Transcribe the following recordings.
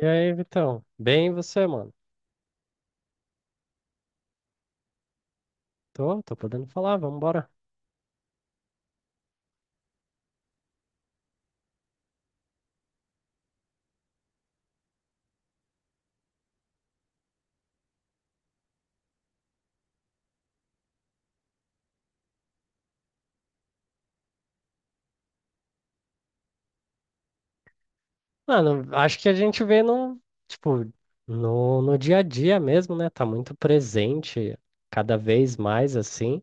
E aí, Vitão? Bem, e você, mano? Tô podendo falar, vambora. Mano, acho que a gente vê tipo, no dia a dia mesmo, né? Tá muito presente, cada vez mais assim.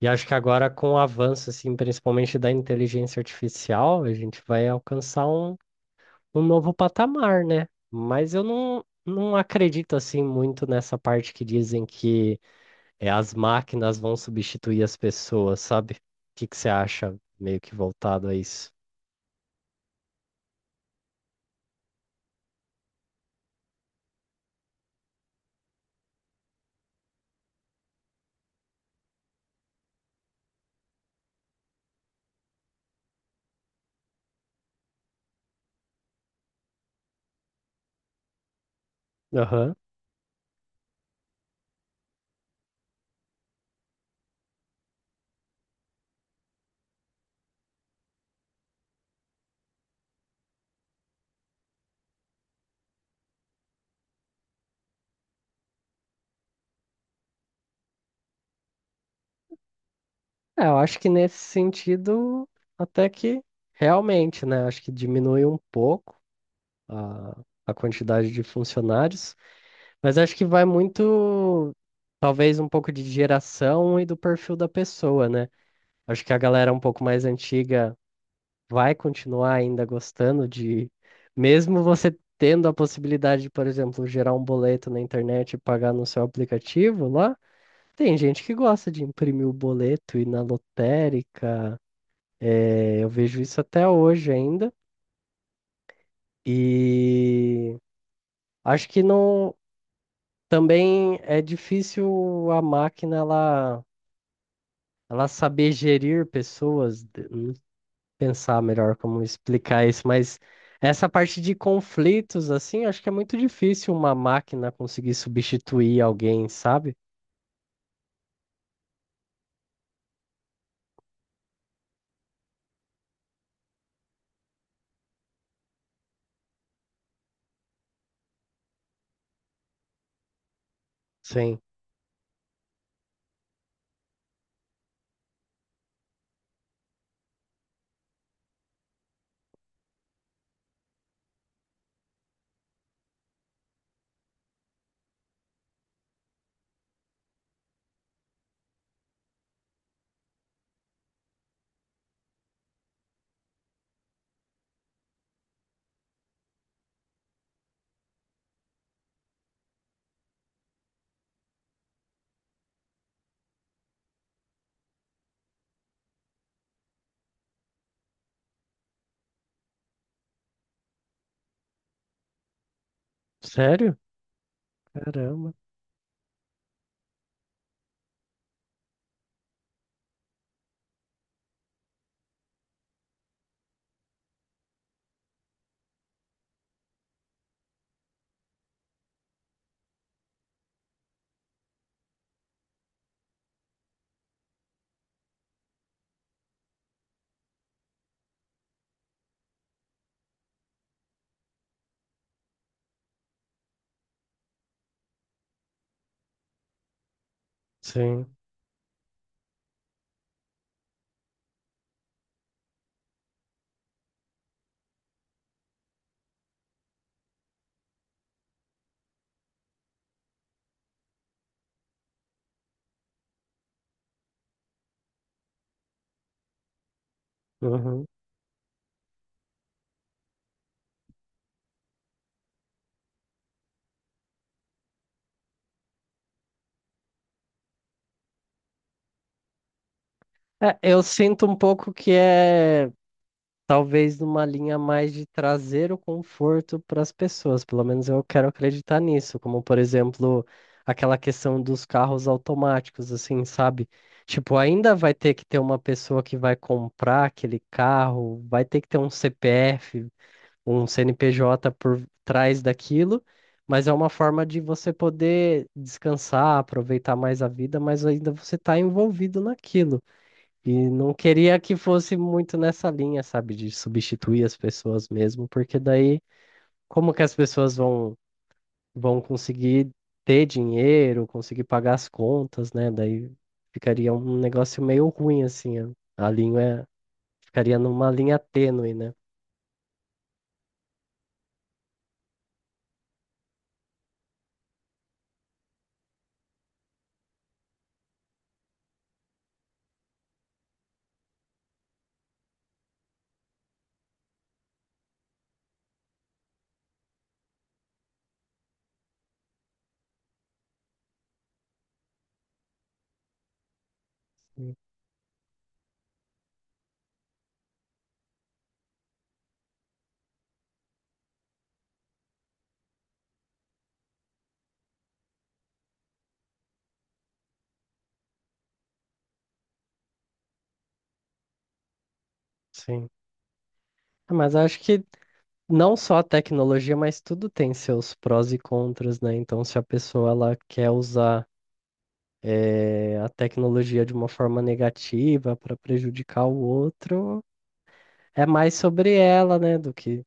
E acho que agora com o avanço, assim, principalmente da inteligência artificial, a gente vai alcançar um novo patamar, né? Mas eu não acredito, assim, muito nessa parte que dizem que as máquinas vão substituir as pessoas, sabe? O que que você acha meio que voltado a isso? Aham. É, eu acho que nesse sentido, até que realmente, né? Acho que diminui um pouco a, a quantidade de funcionários, mas acho que vai muito, talvez, um pouco de geração e do perfil da pessoa, né? Acho que a galera um pouco mais antiga vai continuar ainda gostando de, mesmo você tendo a possibilidade de, por exemplo, gerar um boleto na internet e pagar no seu aplicativo lá, tem gente que gosta de imprimir o boleto e ir na lotérica. É, eu vejo isso até hoje ainda. E acho que não também é difícil a máquina ela saber gerir pessoas. Pensar melhor como explicar isso, mas essa parte de conflitos, assim, acho que é muito difícil uma máquina conseguir substituir alguém, sabe? Sim. Sério? Caramba. Sim. Uhum. É, eu sinto um pouco que é talvez numa linha mais de trazer o conforto para as pessoas, pelo menos eu quero acreditar nisso, como por exemplo, aquela questão dos carros automáticos, assim, sabe? Tipo, ainda vai ter que ter uma pessoa que vai comprar aquele carro, vai ter que ter um CPF, um CNPJ por trás daquilo, mas é uma forma de você poder descansar, aproveitar mais a vida, mas ainda você está envolvido naquilo. E não queria que fosse muito nessa linha, sabe, de substituir as pessoas mesmo, porque daí como que as pessoas vão conseguir ter dinheiro, conseguir pagar as contas, né? Daí ficaria um negócio meio ruim assim, a linha ficaria numa linha tênue, né? Hum. Sim. Ah, mas acho que não só a tecnologia, mas tudo tem seus prós e contras, né? Então, se a pessoa ela quer usar a tecnologia de uma forma negativa para prejudicar o outro, é mais sobre ela, né, do que,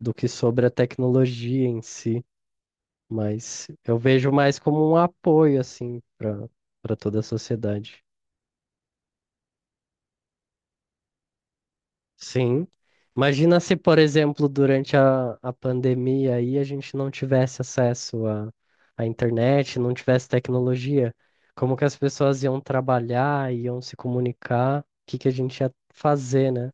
do que sobre a tecnologia em si. Mas eu vejo mais como um apoio, assim, para toda a sociedade. Sim. Imagina se, por exemplo, durante a pandemia aí a gente não tivesse acesso à internet, não tivesse tecnologia. Como que as pessoas iam trabalhar, iam se comunicar, o que que a gente ia fazer, né?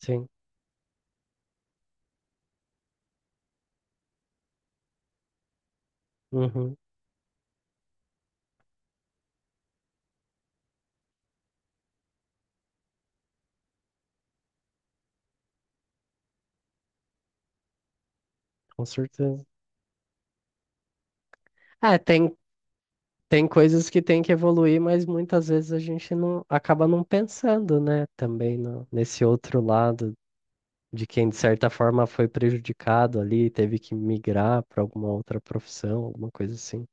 Sim, uhum, com certeza. É, tem coisas que tem que evoluir, mas muitas vezes a gente não acaba não pensando, né? Também no, nesse outro lado de quem, de certa forma, foi prejudicado ali, teve que migrar para alguma outra profissão, alguma coisa assim.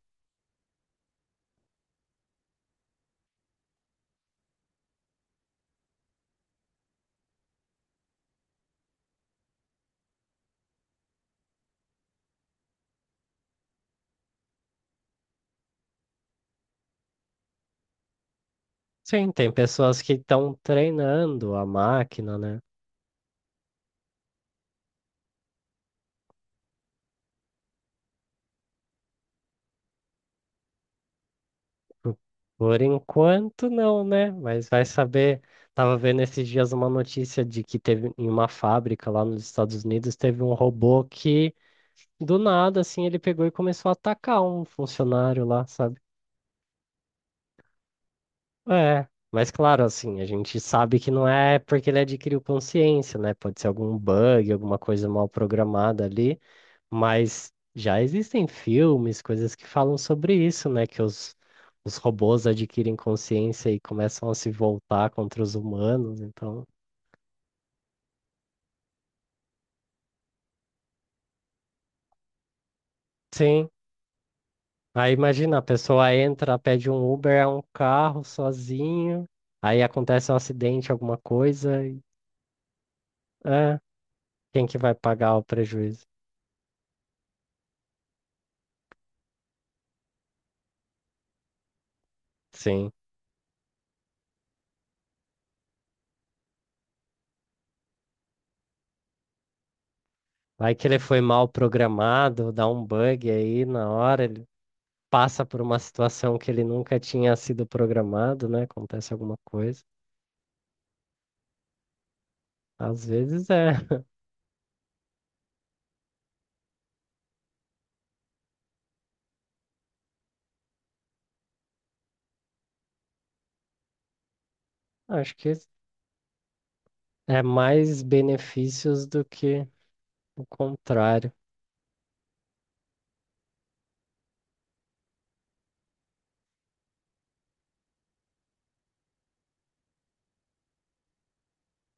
Sim, tem pessoas que estão treinando a máquina, né? Por por enquanto, não, né? Mas vai saber. Tava vendo esses dias uma notícia de que teve em uma fábrica lá nos Estados Unidos, teve um robô que do nada, assim, ele pegou e começou a atacar um funcionário lá, sabe? É, mas claro, assim, a gente sabe que não é porque ele adquiriu consciência, né? Pode ser algum bug, alguma coisa mal programada ali, mas já existem filmes, coisas que falam sobre isso, né? Que os robôs adquirem consciência e começam a se voltar contra os humanos, então. Sim. Aí imagina, a pessoa entra, pede um Uber, é um carro sozinho. Aí acontece um acidente, alguma coisa. É, quem que vai pagar o prejuízo? Sim. Vai que ele foi mal programado, dá um bug aí na hora, ele passa por uma situação que ele nunca tinha sido programado, né? Acontece alguma coisa. Às vezes é, acho que é mais benefícios do que o contrário.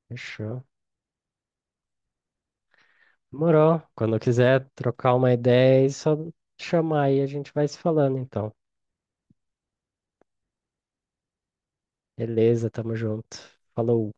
Fechou. Demorou. Quando quiser trocar uma ideia, é só chamar aí, a gente vai se falando então. Beleza, tamo junto. Falou.